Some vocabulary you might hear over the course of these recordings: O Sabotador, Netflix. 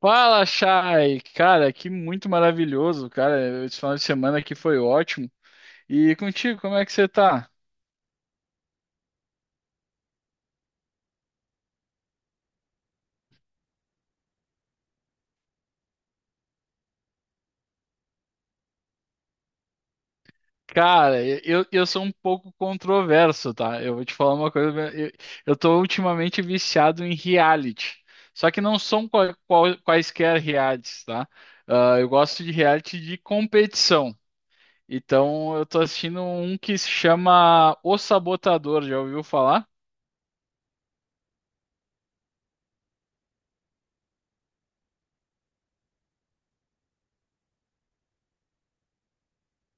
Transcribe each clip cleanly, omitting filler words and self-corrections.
Fala, Chay! Cara, que muito maravilhoso, cara. Esse final de semana aqui foi ótimo. E contigo, como é que você tá? Cara, eu sou um pouco controverso, tá? Eu vou te falar uma coisa. Eu tô ultimamente viciado em reality. Só que não são quaisquer realities, tá? Ah, eu gosto de reality de competição. Então, eu tô assistindo um que se chama O Sabotador. Já ouviu falar?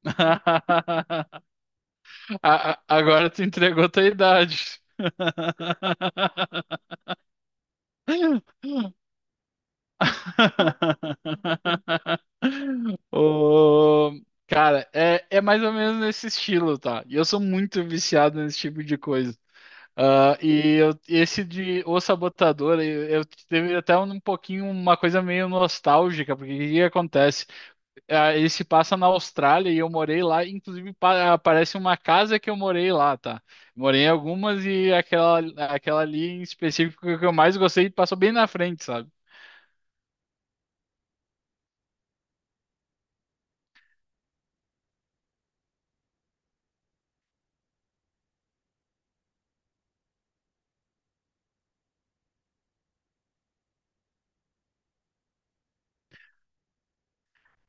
Agora tu entregou tua idade. O... Cara, é mais ou menos nesse estilo, tá? E eu sou muito viciado nesse tipo de coisa. Esse de O Sabotador, eu teve até um, pouquinho uma coisa meio nostálgica, porque o que que acontece? Ah, ele se passa na Austrália e eu morei lá, inclusive aparece uma casa que eu morei lá, tá? Morei em algumas e aquela ali em específico que eu mais gostei passou bem na frente, sabe?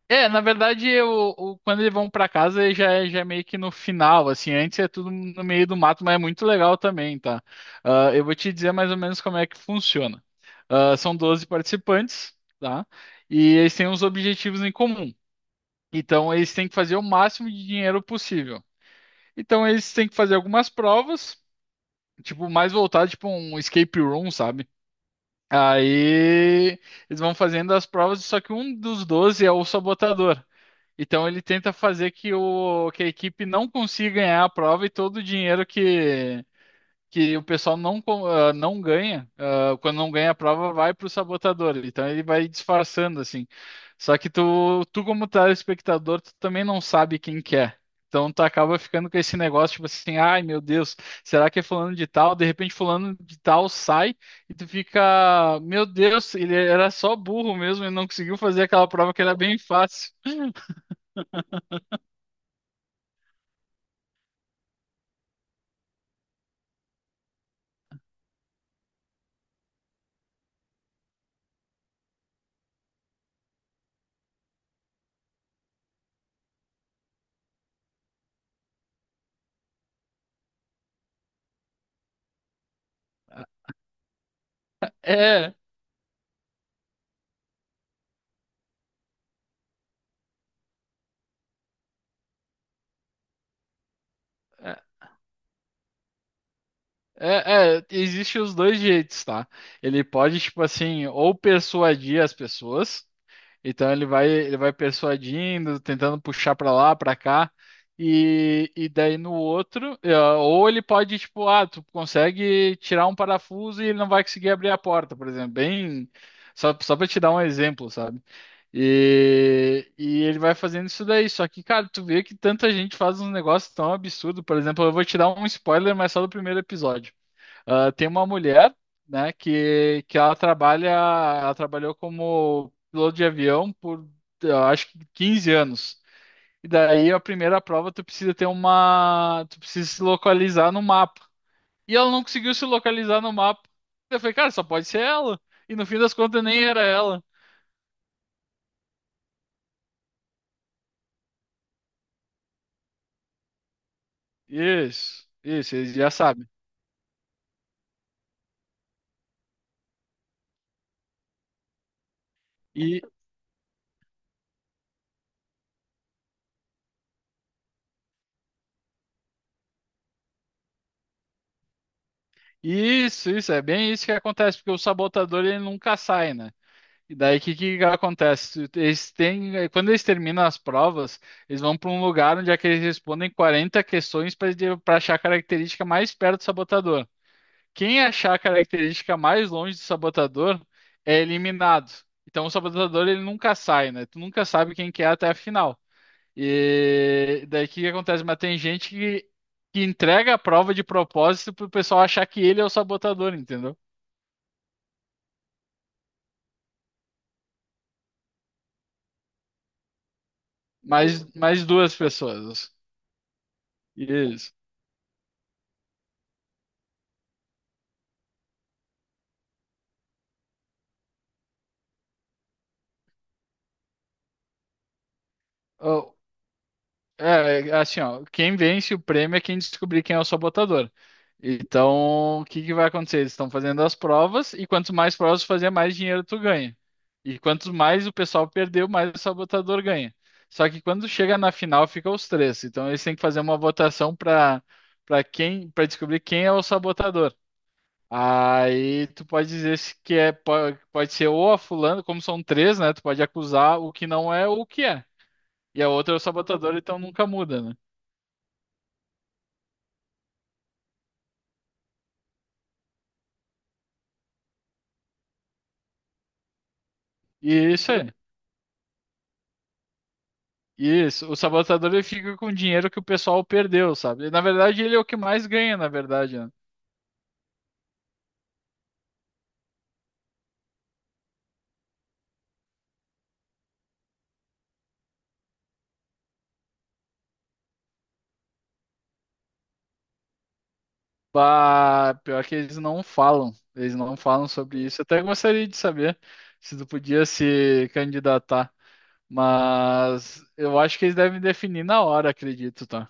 É, na verdade, quando eles vão pra casa ele já é meio que no final, assim, antes é tudo no meio do mato, mas é muito legal também, tá? Ah, eu vou te dizer mais ou menos como é que funciona. Ah, são 12 participantes, tá? E eles têm uns objetivos em comum. Então, eles têm que fazer o máximo de dinheiro possível. Então, eles têm que fazer algumas provas, tipo, mais voltado, tipo, um escape room, sabe? Aí, eles vão fazendo as provas, só que um dos 12 é o sabotador. Então ele tenta fazer que a equipe não consiga ganhar a prova e todo o dinheiro que o pessoal não ganha, ah, quando não ganha a prova, vai para o sabotador. Então ele vai disfarçando assim. Só que tu como telespectador, tu também não sabe quem que é. Então tu acaba ficando com esse negócio, tipo assim, ai meu Deus, será que é fulano de tal? De repente fulano de tal sai e tu fica, meu Deus, ele era só burro mesmo e não conseguiu fazer aquela prova que era bem fácil. É. É. Existe os dois jeitos, tá? Ele pode, tipo assim, ou persuadir as pessoas, então ele vai persuadindo, tentando puxar pra lá, pra cá, e daí no outro, é, ou ele pode, tipo, ah, tu consegue tirar um parafuso e ele não vai conseguir abrir a porta, por exemplo, só, só pra te dar um exemplo, sabe? E ele vai fazendo isso daí. Só que, cara, tu vê que tanta gente faz uns negócios tão absurdos. Por exemplo, eu vou te dar um spoiler, mas só do primeiro episódio. Ah, tem uma mulher, né, que ela trabalha, ela trabalhou como piloto de avião por, eu acho que 15 anos. E daí a primeira prova tu precisa se localizar no mapa. E ela não conseguiu se localizar no mapa. Eu falei, cara, só pode ser ela. E no fim das contas nem era ela. Isso, eles já sabem. E isso, é bem isso que acontece, porque o sabotador ele nunca sai, né? E daí o que, que acontece? Eles têm, quando eles terminam as provas, eles vão para um lugar onde é que eles respondem 40 questões para achar a característica mais perto do sabotador. Quem achar a característica mais longe do sabotador é eliminado. Então o sabotador ele nunca sai, né? Tu nunca sabe quem que é até a final. E daí o que, que acontece? Mas tem gente que entrega a prova de propósito para o pessoal achar que ele é o sabotador, entendeu? Mais, mais duas pessoas. Isso. Ô, assim, ó, quem vence o prêmio é quem descobrir quem é o sabotador. Então, o que que vai acontecer? Eles estão fazendo as provas e quanto mais provas tu fazer, mais dinheiro tu ganha. E quanto mais o pessoal perdeu, mais o sabotador ganha. Só que quando chega na final, fica os três. Então, eles têm que fazer uma votação para descobrir quem é o sabotador. Aí tu pode dizer se que é po- pode ser ou a fulano, como são três, né? Tu pode acusar o que não é ou o que é. E a outra é o sabotador, então nunca muda, né? Isso, é. Isso. O sabotador ele fica com o dinheiro que o pessoal perdeu, sabe? Na verdade, ele é o que mais ganha, na verdade, né? Bah, pior que eles não falam. Eles não falam sobre isso. Eu até gostaria de saber se tu podia se candidatar. Mas eu acho que eles devem definir na hora, acredito, tá?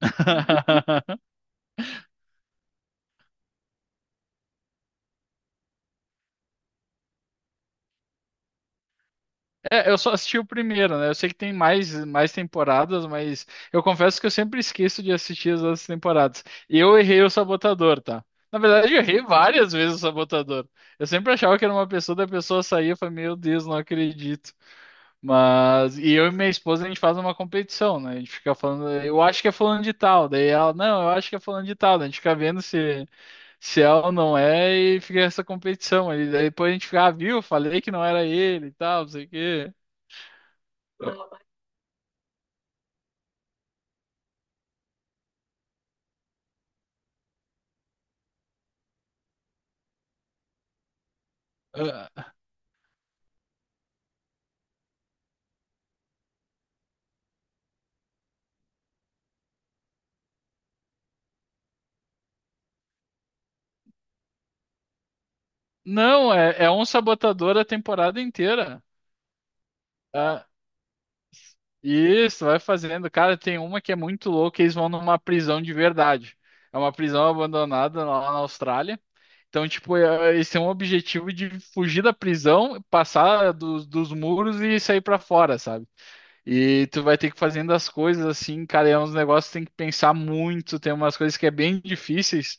É, eu só assisti o primeiro, né? Eu sei que tem mais temporadas, mas eu confesso que eu sempre esqueço de assistir as outras temporadas. E eu errei o Sabotador, tá? Na verdade, eu errei várias vezes o Sabotador. Eu sempre achava que era uma pessoa, da pessoa saía e falava, meu Deus, não acredito. Mas, e eu e minha esposa, a gente faz uma competição, né? A gente fica falando, eu acho que é falando de tal. Daí ela, não, eu acho que é falando de tal. Daí a gente fica vendo se, se é ou não é e fica essa competição. E daí depois a gente fica, ah, viu? Falei que não era ele e tal, não sei o quê. Ah, não, é um sabotador a temporada inteira. Ah, isso, vai fazendo. Cara, tem uma que é muito louca, eles vão numa prisão de verdade. É uma prisão abandonada lá na Austrália. Então, tipo, é- eles têm um objetivo de fugir da prisão, passar dos muros e sair pra fora, sabe? E tu vai ter que fazendo as coisas assim, cara, e é uns negócios que tem que pensar muito, tem umas coisas que é bem difíceis.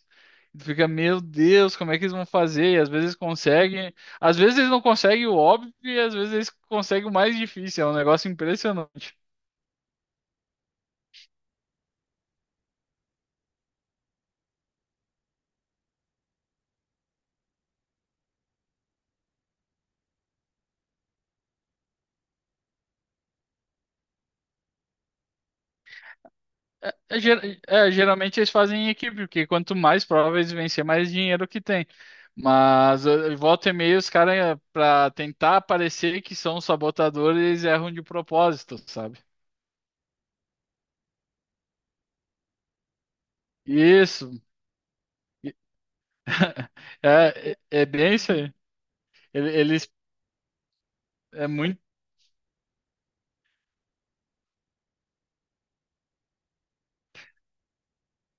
E tu fica, meu Deus, como é que eles vão fazer? E às vezes conseguem, às vezes eles não conseguem o óbvio e às vezes eles conseguem o mais difícil, é um negócio impressionante. Geralmente eles fazem em equipe, porque quanto mais provas eles vencer, mais dinheiro que tem. Mas eh, volta e meia, os caras, pra tentar parecer que são sabotadores, eles erram de propósito, sabe? Isso. É, é bem isso aí. Eles é muito.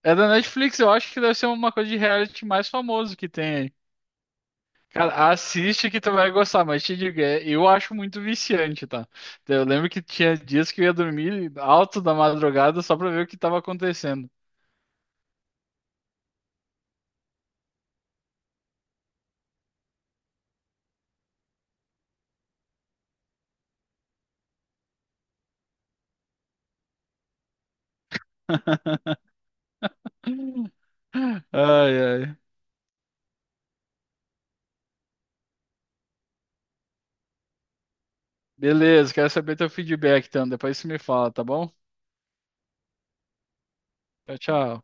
É da Netflix, eu acho que deve ser uma coisa de reality mais famoso que tem aí. Cara, assiste que tu vai gostar, mas te digo, é- eu acho muito viciante, tá? Eu lembro que tinha dias que eu ia dormir alto da madrugada só pra ver o que tava acontecendo. Ai, ai. Beleza, quero saber teu feedback, então. Depois você me fala, tá bom? Tchau, tchau.